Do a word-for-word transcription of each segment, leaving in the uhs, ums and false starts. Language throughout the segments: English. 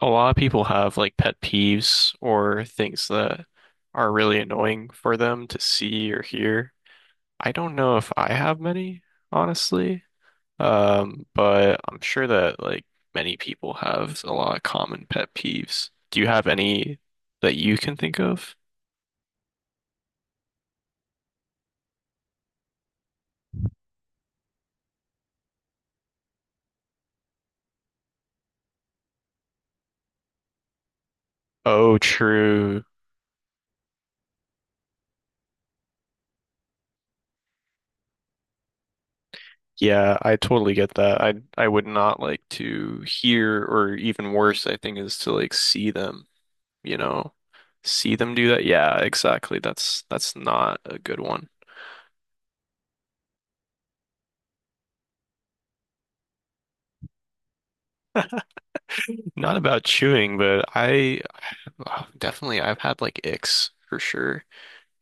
A lot of people have like pet peeves or things that are really annoying for them to see or hear. I don't know if I have many, honestly. Um, but I'm sure that like many people have a lot of common pet peeves. Do you have any that you can think of? Oh, true. Yeah, I totally get that. I I would not like to hear or even worse, I think, is to like see them. You know, see them do that. Yeah, exactly. That's that's not a good one. Not about chewing, but I, oh, definitely, I've had like icks for sure.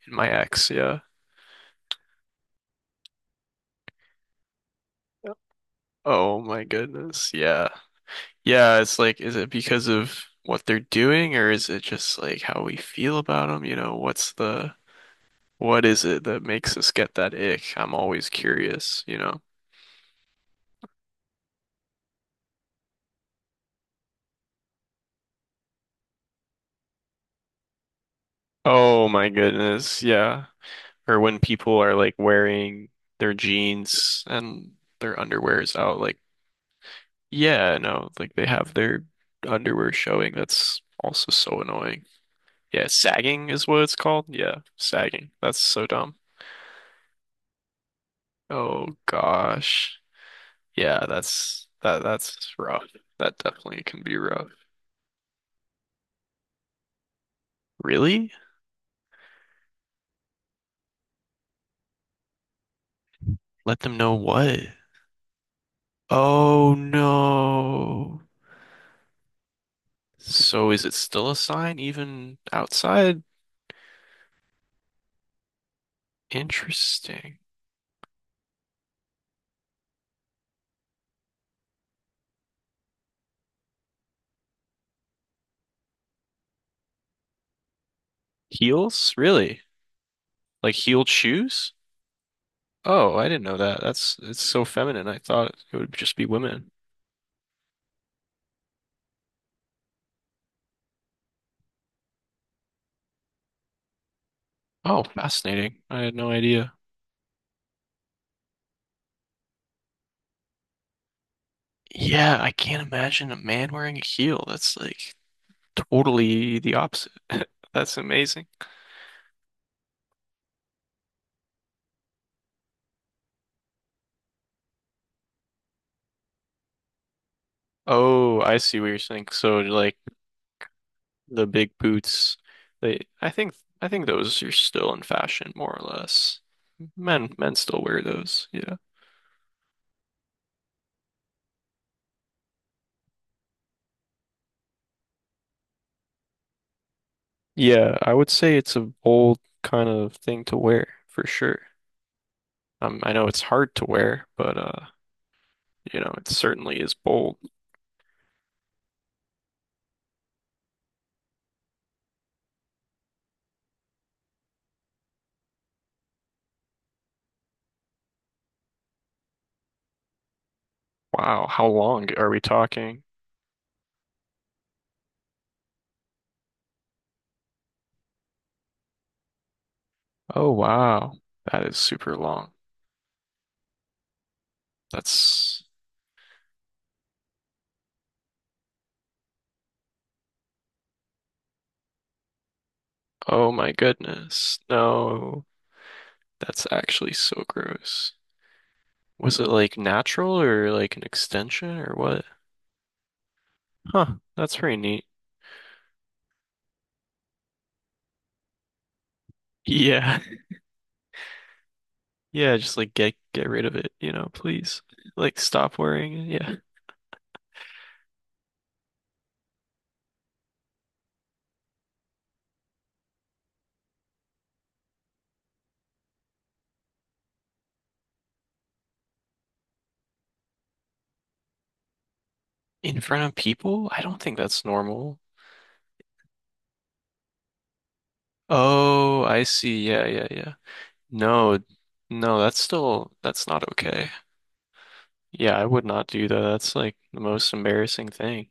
My ex, yeah. Oh my goodness. Yeah. Yeah, it's like, is it because of what they're doing or is it just like how we feel about them? You know, what's the, what is it that makes us get that ick? I'm always curious, you know? Oh my goodness. Yeah. Or when people are like wearing their jeans and their underwear is out, like, yeah, no, like they have their underwear showing. That's also so annoying. Yeah, sagging is what it's called. Yeah, sagging. That's so dumb. Oh gosh. Yeah, that's that that's rough. That definitely can be rough. Really? Let them know what? Oh no. So is it still a sign even outside? Interesting. Heels? Really? Like heeled shoes? Oh, I didn't know that. That's it's so feminine. I thought it would just be women. Oh, fascinating. I had no idea. Yeah, I can't imagine a man wearing a heel. That's like totally the opposite. That's amazing. Oh, I see what you're saying. So like the big boots, they I think I think those are still in fashion more or less. Men men still wear those. Yeah. Yeah, I would say it's a bold kind of thing to wear for sure. Um, I know it's hard to wear, but uh, you know, it certainly is bold. Wow, how long are we talking? Oh wow, that is super long. That's oh my goodness. No, that's actually so gross. Was it like natural or like an extension or what? Huh, that's pretty neat. Yeah. Yeah, just like get get rid of it, you know, please. Like stop wearing it. Yeah. In front of people? I don't think that's normal. Oh, I see. Yeah, yeah, yeah. No, no, that's still that's not okay. Yeah, I would not do that. That's like the most embarrassing thing.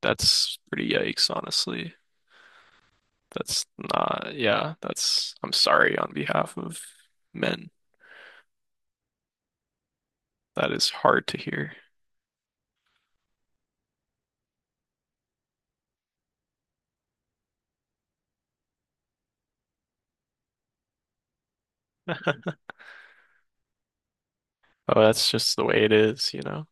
That's pretty yikes, honestly. That's not, yeah, that's I'm sorry on behalf of men. That is hard to hear. Oh, that's just the way it is, you know.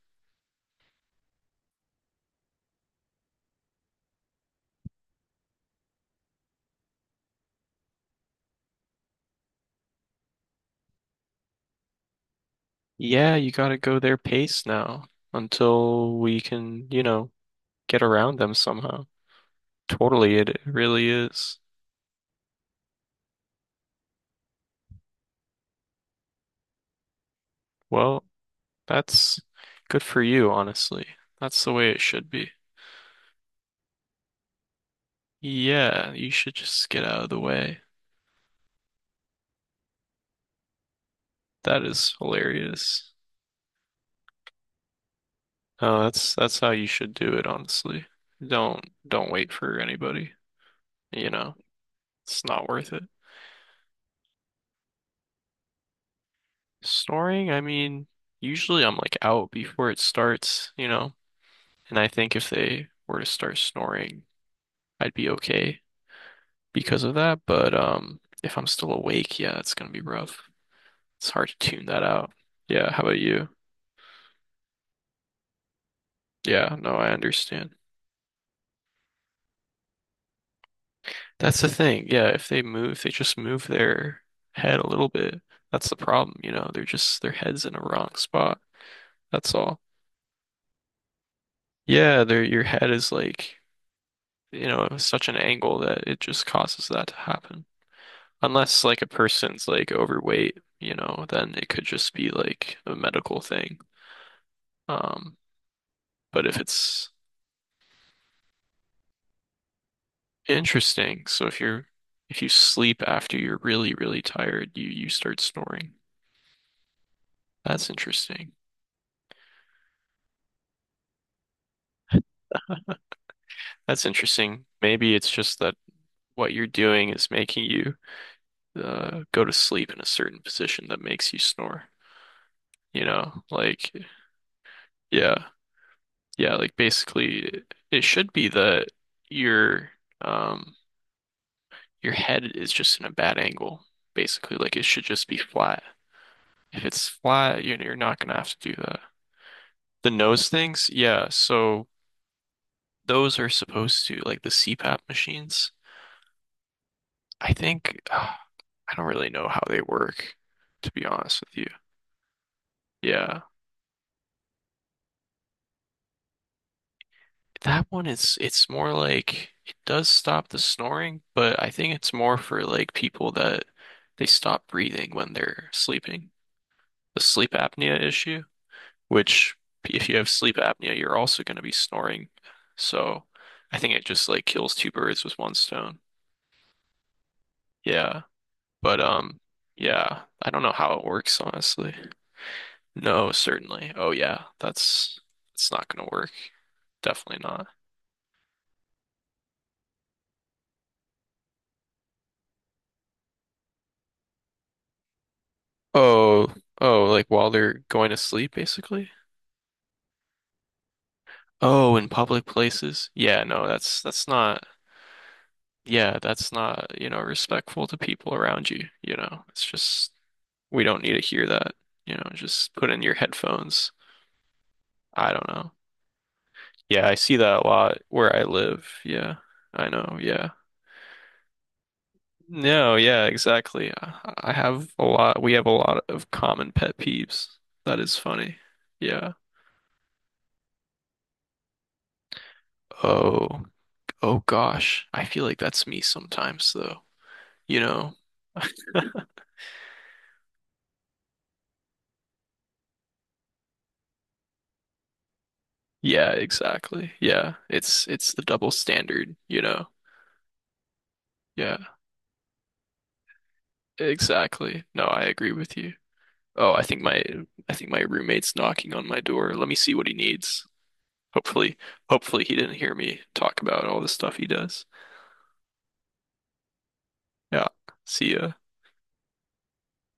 Yeah, you gotta go their pace now until we can, you know, get around them somehow. Totally, it really is. Well, that's good for you, honestly. That's the way it should be. Yeah, you should just get out of the way. That is hilarious. Oh, that's that's how you should do it, honestly. Don't don't wait for anybody, you know. It's not worth it. Snoring, I mean, usually I'm like out before it starts, you know. And I think if they were to start snoring, I'd be okay because of that, but um if I'm still awake, yeah, it's gonna be rough. It's hard to tune that out. Yeah, how about you? Yeah, no, I understand. That's the thing. Yeah, if they move, if they just move their head a little bit. That's the problem, you know. They're just their head's in a wrong spot. That's all. Yeah, their your head is like, you know, such an angle that it just causes that to happen. Unless like a person's like overweight, you know, then it could just be like a medical thing. Um, but if it's Interesting, so if you're if you sleep after you're really, really tired, you you start snoring. That's interesting. That's interesting. Maybe it's just that what you're doing is making you uh, go to sleep in a certain position that makes you snore. You know, like, yeah, yeah, like basically it should be that your um your head is just in a bad angle, basically. Like it should just be flat. If it's flat, you you're not gonna have to do that. The nose things, yeah, so those are supposed to like the CPAP machines. I think uh, I don't really know how they work, to be honest with you. Yeah. That one is it's more like it does stop the snoring, but I think it's more for like people that they stop breathing when they're sleeping. The sleep apnea issue, which if you have sleep apnea, you're also going to be snoring. So I think it just like kills two birds with one stone. Yeah. But um yeah, I don't know how it works honestly. No, certainly. Oh yeah, that's it's not gonna work. Definitely not. Oh, oh, like while they're going to sleep, basically. Oh, in public places. Yeah, no, that's that's not. Yeah, that's not, you know, respectful to people around you, you know. It's just we don't need to hear that, you know, just put in your headphones. I don't know. Yeah, I see that a lot where I live. Yeah. I know. Yeah. No, yeah, exactly. I I have a lot, we have a lot of common pet peeves. That is funny. Yeah. Oh, oh gosh. I feel like that's me sometimes though. You know? Yeah, exactly. Yeah. It's it's the double standard, you know? Yeah, exactly. No, I agree with you. Oh, I think my I think my roommate's knocking on my door. Let me see what he needs. Hopefully, hopefully he didn't hear me talk about all the stuff he does. Yeah. See ya.